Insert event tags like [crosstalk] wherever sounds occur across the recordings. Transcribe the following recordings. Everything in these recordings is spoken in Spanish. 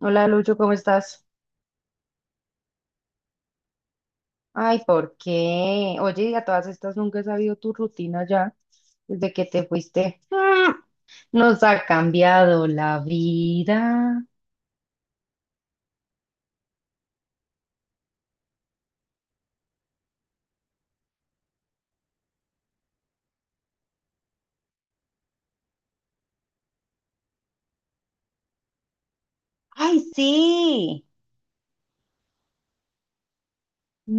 Hola Lucho, ¿cómo estás? Ay, ¿por qué? Oye, y a todas estas nunca he sabido tu rutina ya desde que te fuiste. ¡Ah! Nos ha cambiado la vida. Ay, sí.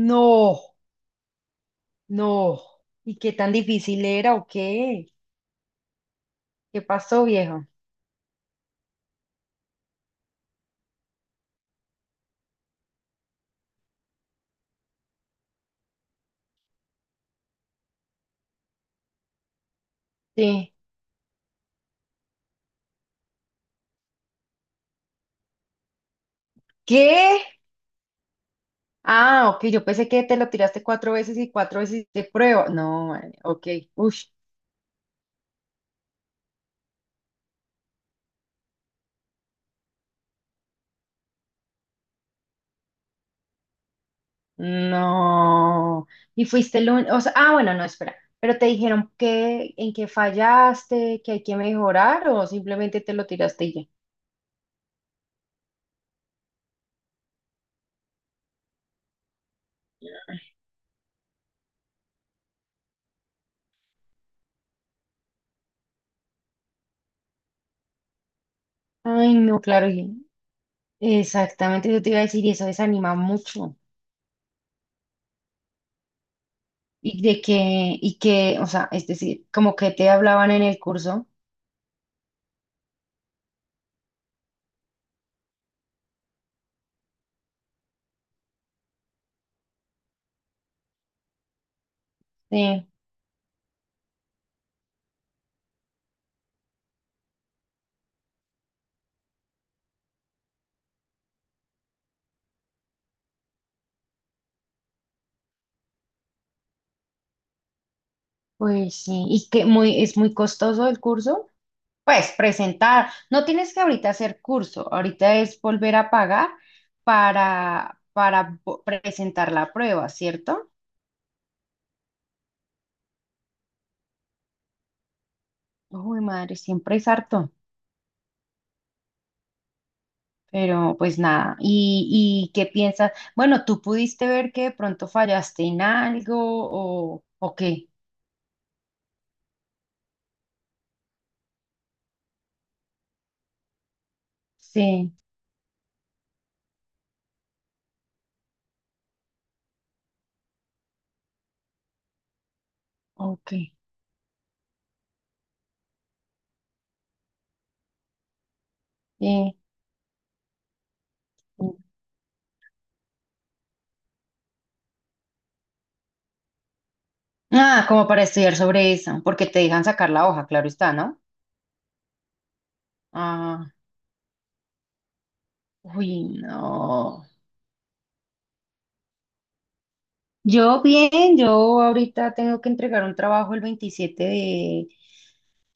No, no. ¿Y qué tan difícil era o qué? ¿Qué pasó, viejo? Sí. ¿Qué? Ah, ok, yo pensé que te lo tiraste cuatro veces y cuatro veces de prueba. No, man, ok. Uy, no. Y fuiste el único. O sea, ah, bueno, no, espera. Pero te dijeron que en qué fallaste, que hay que mejorar o simplemente te lo tiraste y ya. Ay, no, claro. Exactamente, yo te iba a decir, y eso desanima mucho. Y de que, y que, o sea, es decir, como que te hablaban en el curso. Sí, pues sí. Es muy costoso el curso. Pues presentar, no tienes que ahorita hacer curso, ahorita es volver a pagar presentar la prueba, ¿cierto? Uy, madre, siempre es harto, pero pues nada, ¿y qué piensas? Bueno, ¿tú pudiste ver que de pronto fallaste en algo o qué? Sí, ok, sí. Ah, como para estudiar sobre eso, porque te dejan sacar la hoja, claro está, ¿no? Ah, uy, no. Yo bien, yo ahorita tengo que entregar un trabajo el 27 de,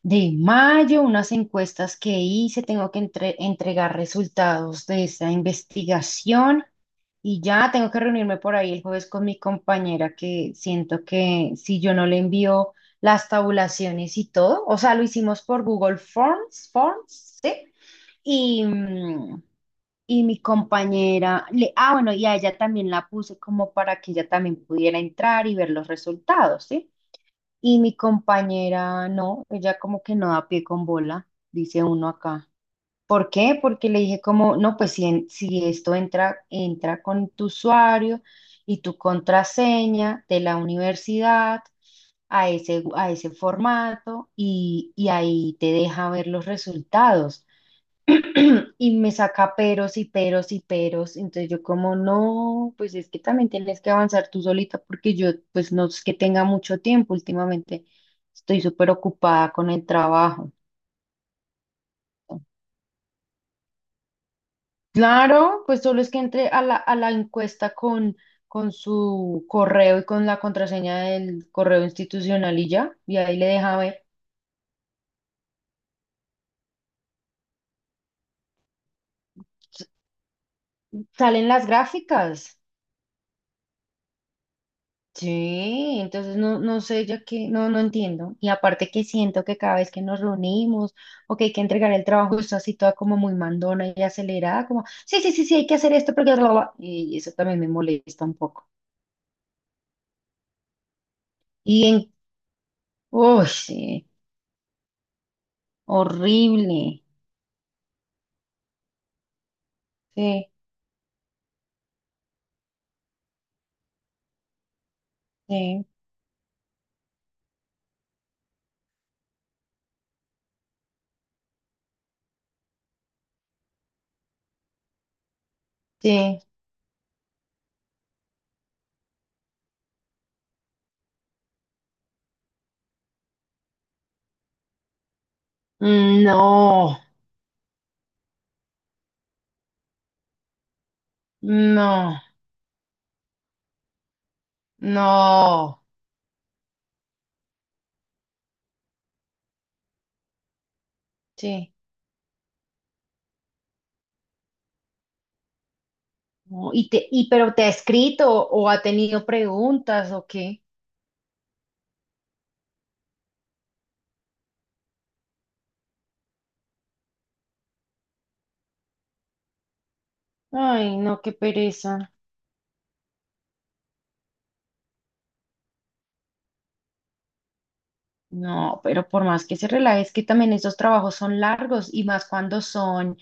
de mayo, unas encuestas que hice, tengo que entregar resultados de esa investigación y ya tengo que reunirme por ahí el jueves con mi compañera que siento que si yo no le envío las tabulaciones y todo, o sea, lo hicimos por Google Forms, ¿sí? Y, mm, y mi compañera, bueno, y a ella también la puse como para que ella también pudiera entrar y ver los resultados, ¿sí? Y mi compañera, no, ella como que no da pie con bola, dice uno acá. ¿Por qué? Porque le dije como, no, pues si, si esto entra, entra con tu usuario y tu contraseña de la universidad a ese, formato y, ahí te deja ver los resultados. [clears throat] Y me saca peros y peros y peros. Entonces yo como, no, pues es que también tienes que avanzar tú solita porque yo pues no es que tenga mucho tiempo últimamente. Estoy súper ocupada con el trabajo. Claro, pues solo es que entre a la, encuesta con, su correo y con la contraseña del correo institucional y ya, y ahí le deja ver. Salen las gráficas. Sí, entonces no, no sé, ya que no, no entiendo. Y aparte que siento que cada vez que nos reunimos o que hay que entregar el trabajo, está así toda como muy mandona y acelerada, como, sí, sí, sí, sí, hay que hacer esto porque bla, bla, bla. Y eso también me molesta un poco. Y en... Uy, sí, horrible. Sí, sí, sí. Mm, no, no, no. Sí. No. Y te, y pero te ha escrito o ha tenido preguntas o qué. Ay, no, qué pereza. No, pero por más que se relaje, es que también estos trabajos son largos y más cuando son,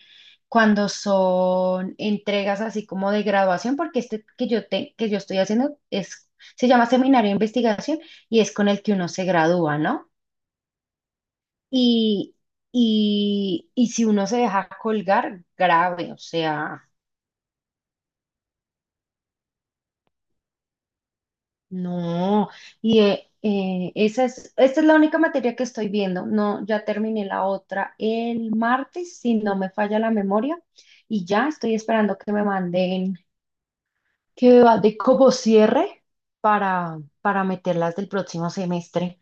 entregas así como de graduación, porque este que yo estoy haciendo es, se llama seminario de investigación y es con el que uno se gradúa, ¿no? Y, y si uno se deja colgar, grave, o sea. No, y esta es la única materia que estoy viendo. No, ya terminé la otra el martes, si no me falla la memoria, y ya estoy esperando que me manden, que va de como cierre para meterlas del próximo semestre.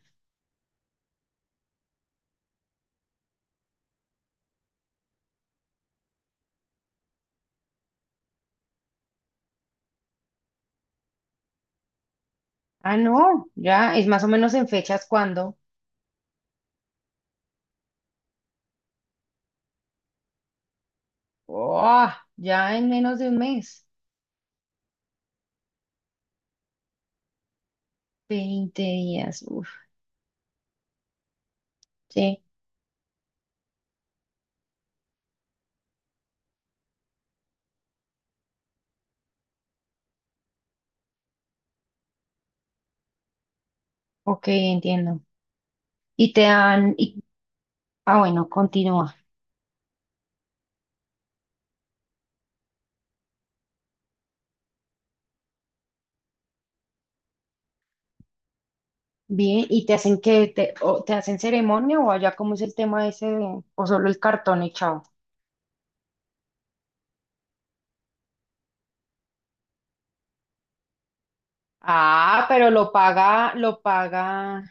Ah, no, ya es más o menos en fechas cuando. Oh, ya en menos de un mes. Veinte días, uf, sí, ok, entiendo. Y te dan, y, ah, bueno, continúa. Bien, ¿y te hacen que te, o te hacen ceremonia o allá cómo es el tema ese de, o solo el cartón echado? Ah, pero lo paga, lo paga,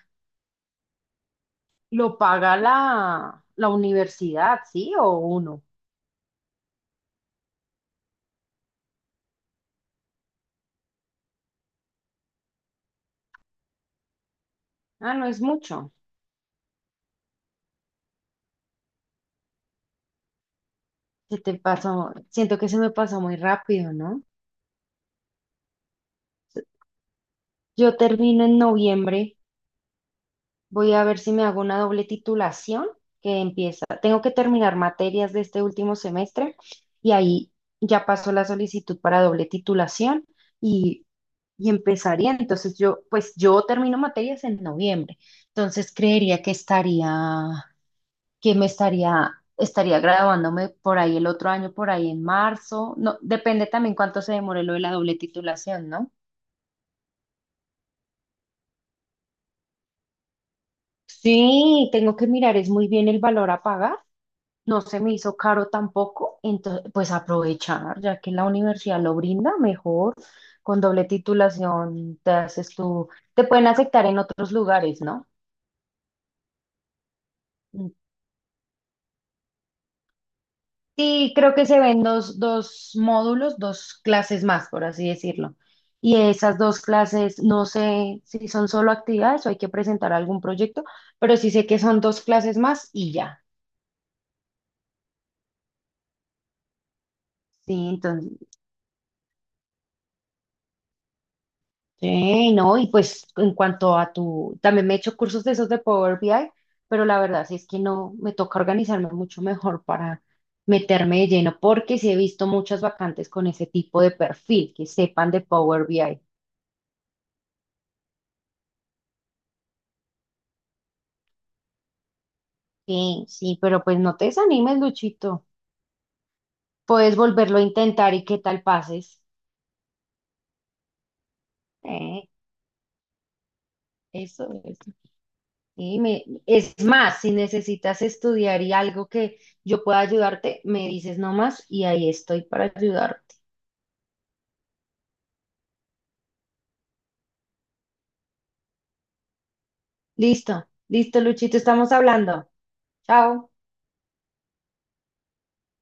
lo paga la universidad, ¿sí? O uno. Ah, no es mucho. Se te pasó, siento que se me pasó muy rápido, ¿no? Yo termino en noviembre. Voy a ver si me hago una doble titulación que empieza. Tengo que terminar materias de este último semestre y ahí ya pasó la solicitud para doble titulación y, y empezaría. Entonces yo, pues yo termino materias en noviembre. Entonces creería que estaría, que me estaría, estaría graduándome por ahí el otro año, por ahí en marzo. No, depende también cuánto se demore lo de la doble titulación, ¿no? Sí, tengo que mirar, es muy bien el valor a pagar no se me hizo caro tampoco, entonces pues aprovechar, ya que la universidad lo brinda mejor, con doble titulación te pueden aceptar en otros lugares, ¿no? Mm. Sí, creo que se ven dos módulos, dos clases más, por así decirlo. Y esas dos clases, no sé si son solo actividades o hay que presentar algún proyecto, pero sí sé que son dos clases más y ya. Sí, entonces. Sí, no, y pues en cuanto a tu, también me he hecho cursos de esos de Power BI, pero la verdad sí es que no, me toca organizarme mucho mejor para meterme de lleno, porque sí he visto muchas vacantes con ese tipo de perfil, que sepan de Power BI. Sí, sí, pero pues no te desanimes, Luchito. Puedes volverlo a intentar y qué tal pases. Eh, Eso, eso. Sí, es más, si necesitas estudiar y algo que yo pueda ayudarte, me dices nomás y ahí estoy para ayudarte. Listo, listo, Luchito, estamos hablando. Chao.